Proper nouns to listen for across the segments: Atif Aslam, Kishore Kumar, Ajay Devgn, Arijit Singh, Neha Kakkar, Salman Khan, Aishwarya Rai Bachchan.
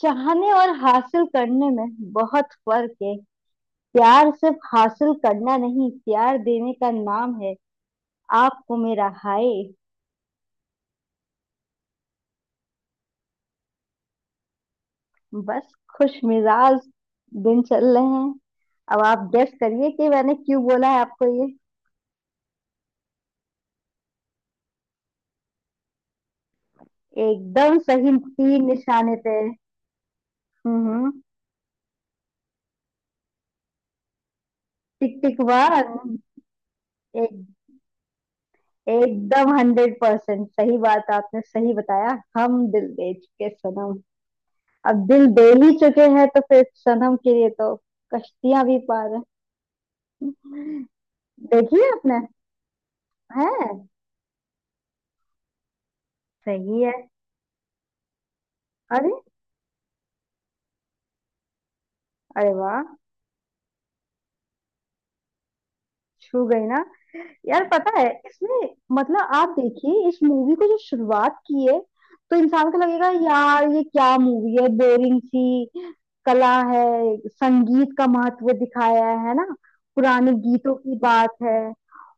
चाहने और हासिल करने में बहुत फर्क है। प्यार सिर्फ हासिल करना नहीं, प्यार देने का नाम है। आपको मेरा हाय। बस खुश मिजाज दिन चल रहे हैं। अब आप गेस करिए कि मैंने क्यों बोला है आपको ये। एकदम सही, तीन निशाने पे। हम्म। टिक टिक वन। एक, एकदम हंड्रेड परसेंट सही बात, आपने सही बताया। हम दिल दे चुके सनम। अब दिल बेल ही चुके हैं तो फिर सनम के लिए तो कश्तियां भी पार है। देखी है आपने? है। सही है। अरे। अरे वाह, छू गई ना। यार पता है, इसमें मतलब आप देखिए इस मूवी को, जो शुरुआत की है, तो इंसान को लगेगा यार ये क्या मूवी है, बोरिंग सी। कला है, संगीत का महत्व दिखाया है ना। पुराने गीतों की बात है।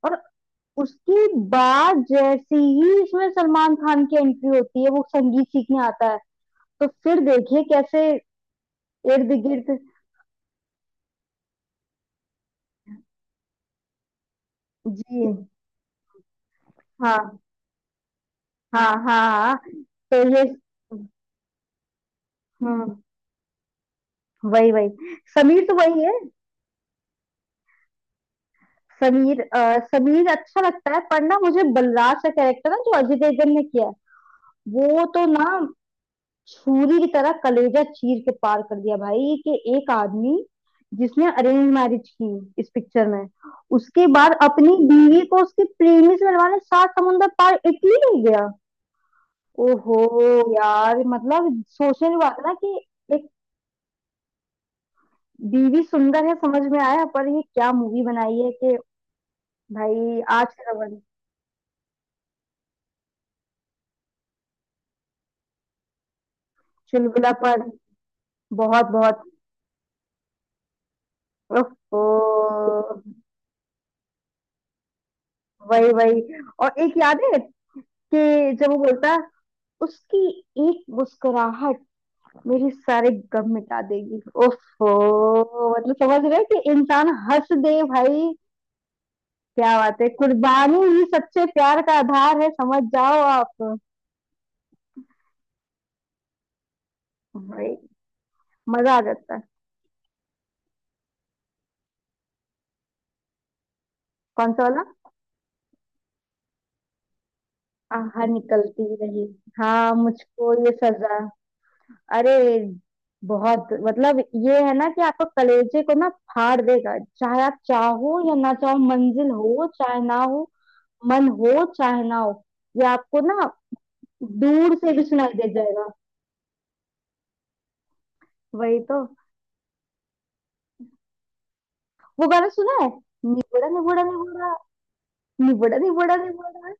और उसकी बाद जैसे ही इसमें सलमान खान की एंट्री होती है, वो संगीत सीखने आता है, तो फिर देखिए कैसे इर्द गिर्द। जी। हाँ हाँ हाँ हाँ। तो ये। हम्म। वही वही। समीर तो वही है। समीर अच्छा लगता है, पर ना मुझे बलराज का कैरेक्टर ना, जो अजय देवगन ने किया है, वो तो ना छुरी की तरह कलेजा चीर के पार कर दिया भाई। कि एक आदमी जिसने अरेंज मैरिज की इस पिक्चर में, उसके बाद अपनी बीवी को उसके प्रेमी से मिलवाने सात समुंदर पार इटली ले गया। ओहो यार, मतलब सोचने की बात है ना कि एक बीवी सुंदर है समझ में आया, पर ये क्या मूवी बनाई है कि भाई आज का रवन। चुलबुलापन बहुत बहुत। ओहो। वही वही। और एक याद है, कि जब वो बोलता है उसकी एक मुस्कुराहट मेरे सारे गम मिटा देगी। ओफो, मतलब समझ रहे हैं कि इंसान हंस दे भाई। क्या बात है, कुर्बानी ही सच्चे प्यार का आधार है, समझ जाओ आप। भाई, मजा आ जाता है। कौन सा वाला? आहा, निकलती रही। हाँ, मुझको ये सजा। अरे। बहुत मतलब। ये है ना कि आपको कलेजे को ना फाड़ देगा, चाहे आप चाहो या ना चाहो, मंजिल हो चाहे ना हो, मन हो चाहे ना हो, ये आपको ना दूर से भी सुनाई दे जाएगा। वही तो। वो गाना सुना है, निबड़ा निबड़ा निबड़ा, निबड़ा निबड़ा निबड़ा।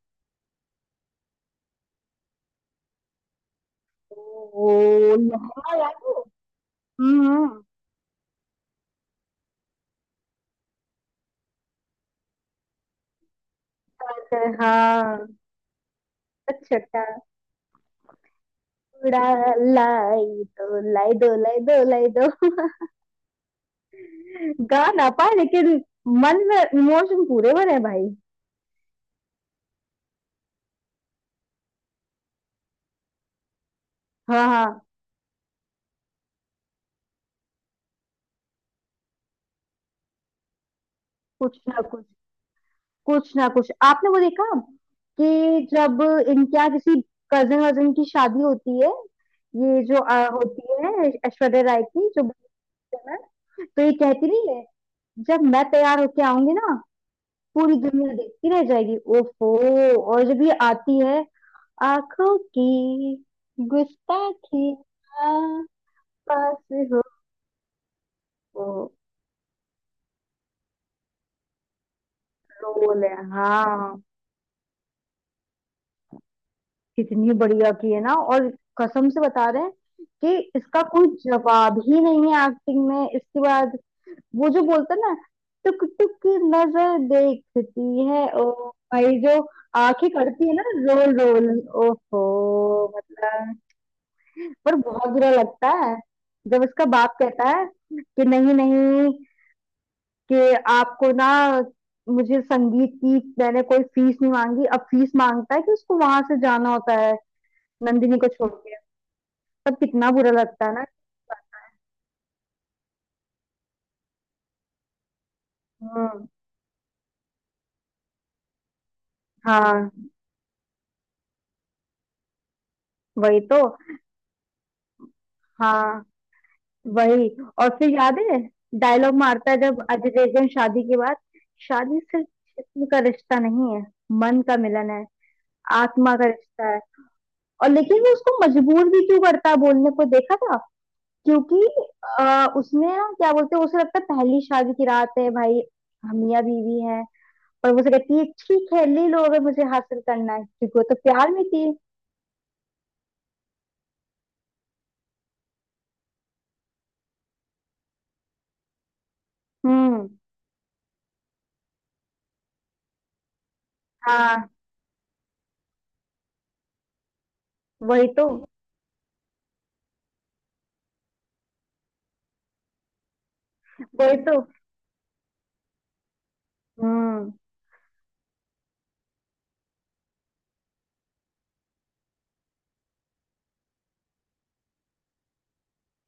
ओ, लहंगा याद है? हम्म। हम्म। हाँ। अच्छा। उड़ा लाई दो, लाई दो, लाई दो, लाई दो। गा ना पाए लेकिन मन में इमोशन पूरे भरे हैं भाई। हाँ हाँ। कुछ ना कुछ। कुछ ना कुछ आपने वो देखा कि जब इनके यहाँ किसी कजन वजन की शादी होती है, ये जो होती है ऐश्वर्या राय की, जो बच्चन है, तो ये कहती नहीं है, जब मैं तैयार होके आऊंगी ना पूरी दुनिया देखती रह जाएगी। ओफो, और जब ये आती है, आंखों की गुस्ताखी, आस पास हो। ओ, रोल है हाँ। कितनी बढ़िया की है ना। और कसम से बता रहे हैं कि इसका कोई जवाब ही नहीं है एक्टिंग में। इसके बाद वो जो बोलता है ना, टुक टुक की नजर देखती है। ओ भाई, जो आंखें करती है ना, रोल रोल। ओहो, मतलब। पर बहुत बुरा लगता है, जब इसका बाप कहता है कि नहीं नहीं, कि आपको ना, मुझे संगीत की मैंने कोई फीस नहीं मांगी, अब फीस मांगता है, कि उसको वहां से जाना होता है, नंदिनी को छोड़ के। तब कितना बुरा लगता है ना। हम्म। हाँ। वही तो। हाँ। वही। और फिर याद है डायलॉग मारता है जब अजय देवगन शादी के बाद, शादी सिर्फ जिस्म का रिश्ता नहीं है, मन का मिलन है, आत्मा का रिश्ता है। और लेकिन वो उसको मजबूर भी क्यों करता है बोलने को, देखा था? क्योंकि उसने ना, क्या बोलते हैं, उसे लगता है पहली शादी की रात है भाई, हम मियां बीवी हैं। पर वो उसे कहती है ठीक है ले लो, अगर मुझे हासिल करना है, क्योंकि वो तो प्यार में थी। हम्म। हाँ। वही तो। वही तो। हम्म।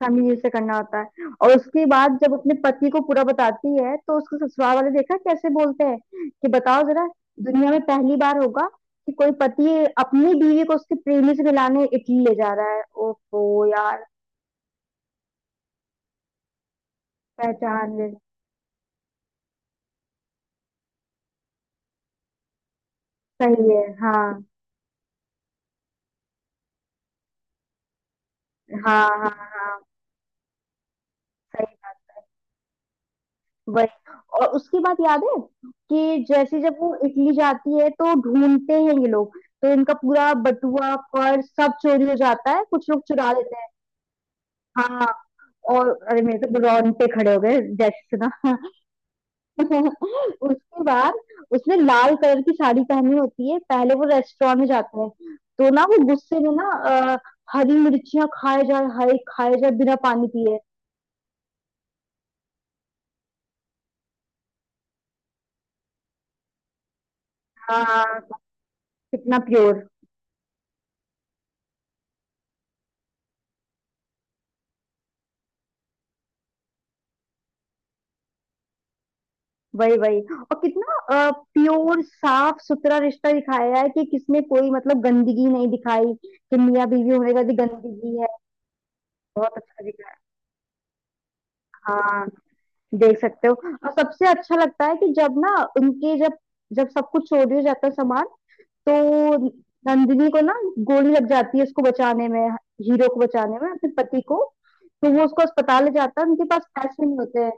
हमें ये से करना होता है, और उसके बाद जब अपने पति को पूरा बताती है तो उसको ससुराल वाले, देखा कैसे बोलते हैं, कि बताओ जरा, दुनिया में पहली बार होगा कि कोई पति अपनी बीवी को उसके प्रेमी से मिलाने इटली ले जा रहा है। ओफो यार। पहचान ले। सही है। हाँ हाँ हाँ। हाँ। सही। वही। और उसके बाद याद है कि जैसे जब वो इटली जाती है तो ढूंढते हैं ये लोग, तो इनका पूरा बटुआ पर्स सब चोरी हो जाता है, कुछ लोग चुरा लेते हैं। हाँ। और अरे मेरे तो रोंगटे खड़े हो गए जैसे सुना उसके बाद उसने लाल कलर की साड़ी पहनी होती है, पहले वो रेस्टोरेंट में जाता है, तो ना वो गुस्से में ना अ, हरी मिर्चियां खाए जाए, हरी खाए जाए बिना पानी पिए। हाँ। कितना प्योर। वही वही। और कितना प्योर साफ सुथरा रिश्ता दिखाया है, कि किसमें कोई मतलब गंदगी नहीं दिखाई, कि मियाँ बीवी होने का भी गंदगी है। बहुत अच्छा दिखाया। हाँ। देख सकते हो। और सबसे अच्छा लगता है कि जब ना उनके, जब जब सब कुछ चोरी हो जाता है सामान, तो नंदिनी को ना गोली लग जाती है उसको बचाने में, हीरो को बचाने में, अपने पति को। तो वो उसको अस्पताल ले जाता है, उनके पास पैसे नहीं होते हैं,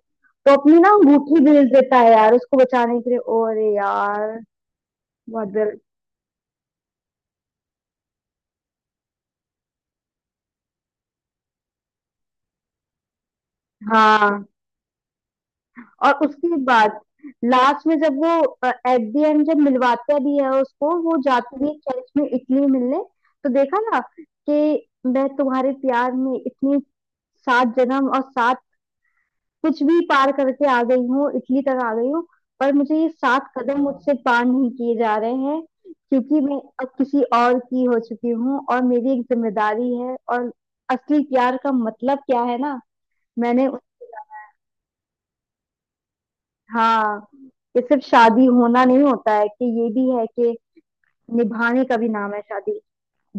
तो अपनी ना अंगूठी बेच देता है यार उसको बचाने के लिए, और यार बहुत। हाँ। और उसके बाद लास्ट में जब वो, एट द एंड जब मिलवाता भी है उसको, वो जाती भी है चर्च में इटली मिलने। तो देखा ना कि मैं तुम्हारे प्यार में इतनी सात जन्म और सात कुछ भी पार करके आ गई हूँ, इटली तक आ गई हूँ, पर मुझे ये सात कदम मुझसे पार नहीं किए जा रहे हैं, क्योंकि मैं अब किसी और की हो चुकी हूँ, और मेरी एक जिम्मेदारी है, और असली प्यार का मतलब क्या है ना। मैंने। हाँ। कि सिर्फ शादी होना नहीं होता है, कि ये भी है कि निभाने का भी नाम है शादी,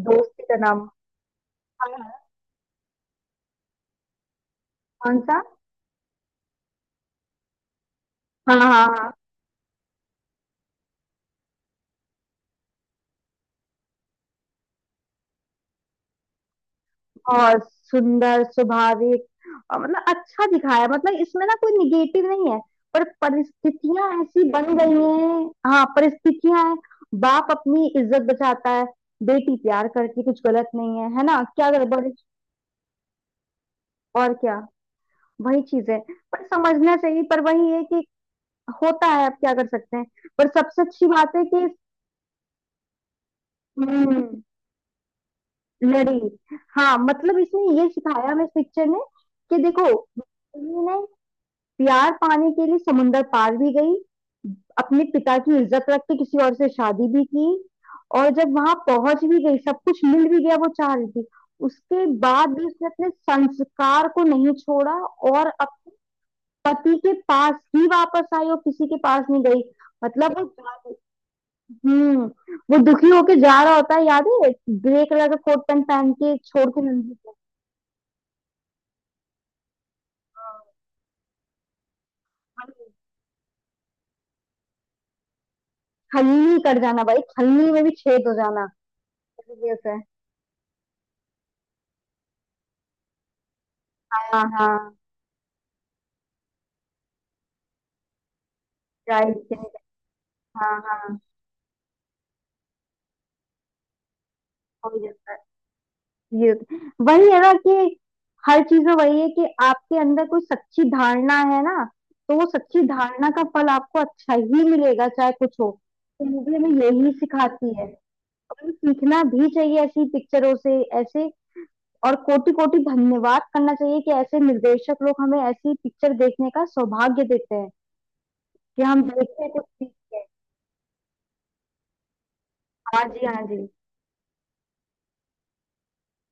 दोस्ती का नाम। हाँ। कौन सा? हाँ हाँ हाँ। और सुंदर, स्वाभाविक, और मतलब अच्छा दिखाया है। मतलब इसमें ना कोई निगेटिव नहीं है, पर परिस्थितियां ऐसी बन गई हैं। हाँ, परिस्थितियां हैं। बाप अपनी इज्जत बचाता है, बेटी प्यार करती, कुछ गलत नहीं है, है ना? क्या गड़बड़ है? और क्या। वही चीज है। पर समझना चाहिए, पर वही है कि होता है, अब क्या कर सकते हैं। पर सबसे अच्छी बात है कि। हम्म। लड़ी। हाँ, मतलब इसने ये सिखाया हमें इस पिक्चर ने, कि देखो पत्नी ने प्यार पाने के लिए समुंदर पार भी गई, अपने पिता की इज्जत रख के किसी और से शादी भी की, और जब वहां पहुंच भी गई सब कुछ मिल भी गया वो चाह रही थी, उसके बाद भी उसने अपने संस्कार को नहीं छोड़ा। और अब पति के पास ही वापस आई और किसी के पास नहीं गई। मतलब वो। हम्म। वो दुखी होके जा रहा होता है याद है, ग्रे कलर का कोट पैंट पहन के, छोड़ के नंदी को। खल्ली कर जाना भाई, खल्ली में भी छेद हो जाना। Yes, है। हाँ हाँ। राइट। हाँ हाँ। हो जाता है। ये वही है ना, कि हर चीज में वही है कि आपके अंदर कोई सच्ची धारणा है ना, तो वो सच्ची धारणा का फल आपको अच्छा ही मिलेगा, चाहे कुछ हो। तो मूवी हमें यही सिखाती है। और हमें सीखना भी चाहिए ऐसी पिक्चरों से ऐसे, और कोटि कोटि धन्यवाद करना चाहिए कि ऐसे निर्देशक लोग हमें ऐसी पिक्चर देखने का सौभाग्य देते हैं, कि हम देखते हैं कुछ सीखते हैं। हाँ जी, हाँ जी।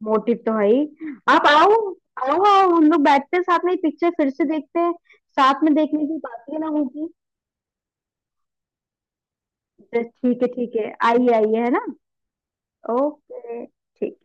मोटिव तो है ही। आप आओ, आओ आओ, हम लोग बैठते हैं साथ में पिक्चर फिर से देखते हैं। साथ में देखने की बात ही ना होगी। ठीक है ठीक है, आइए आइए, है ना? ओके। ठीक।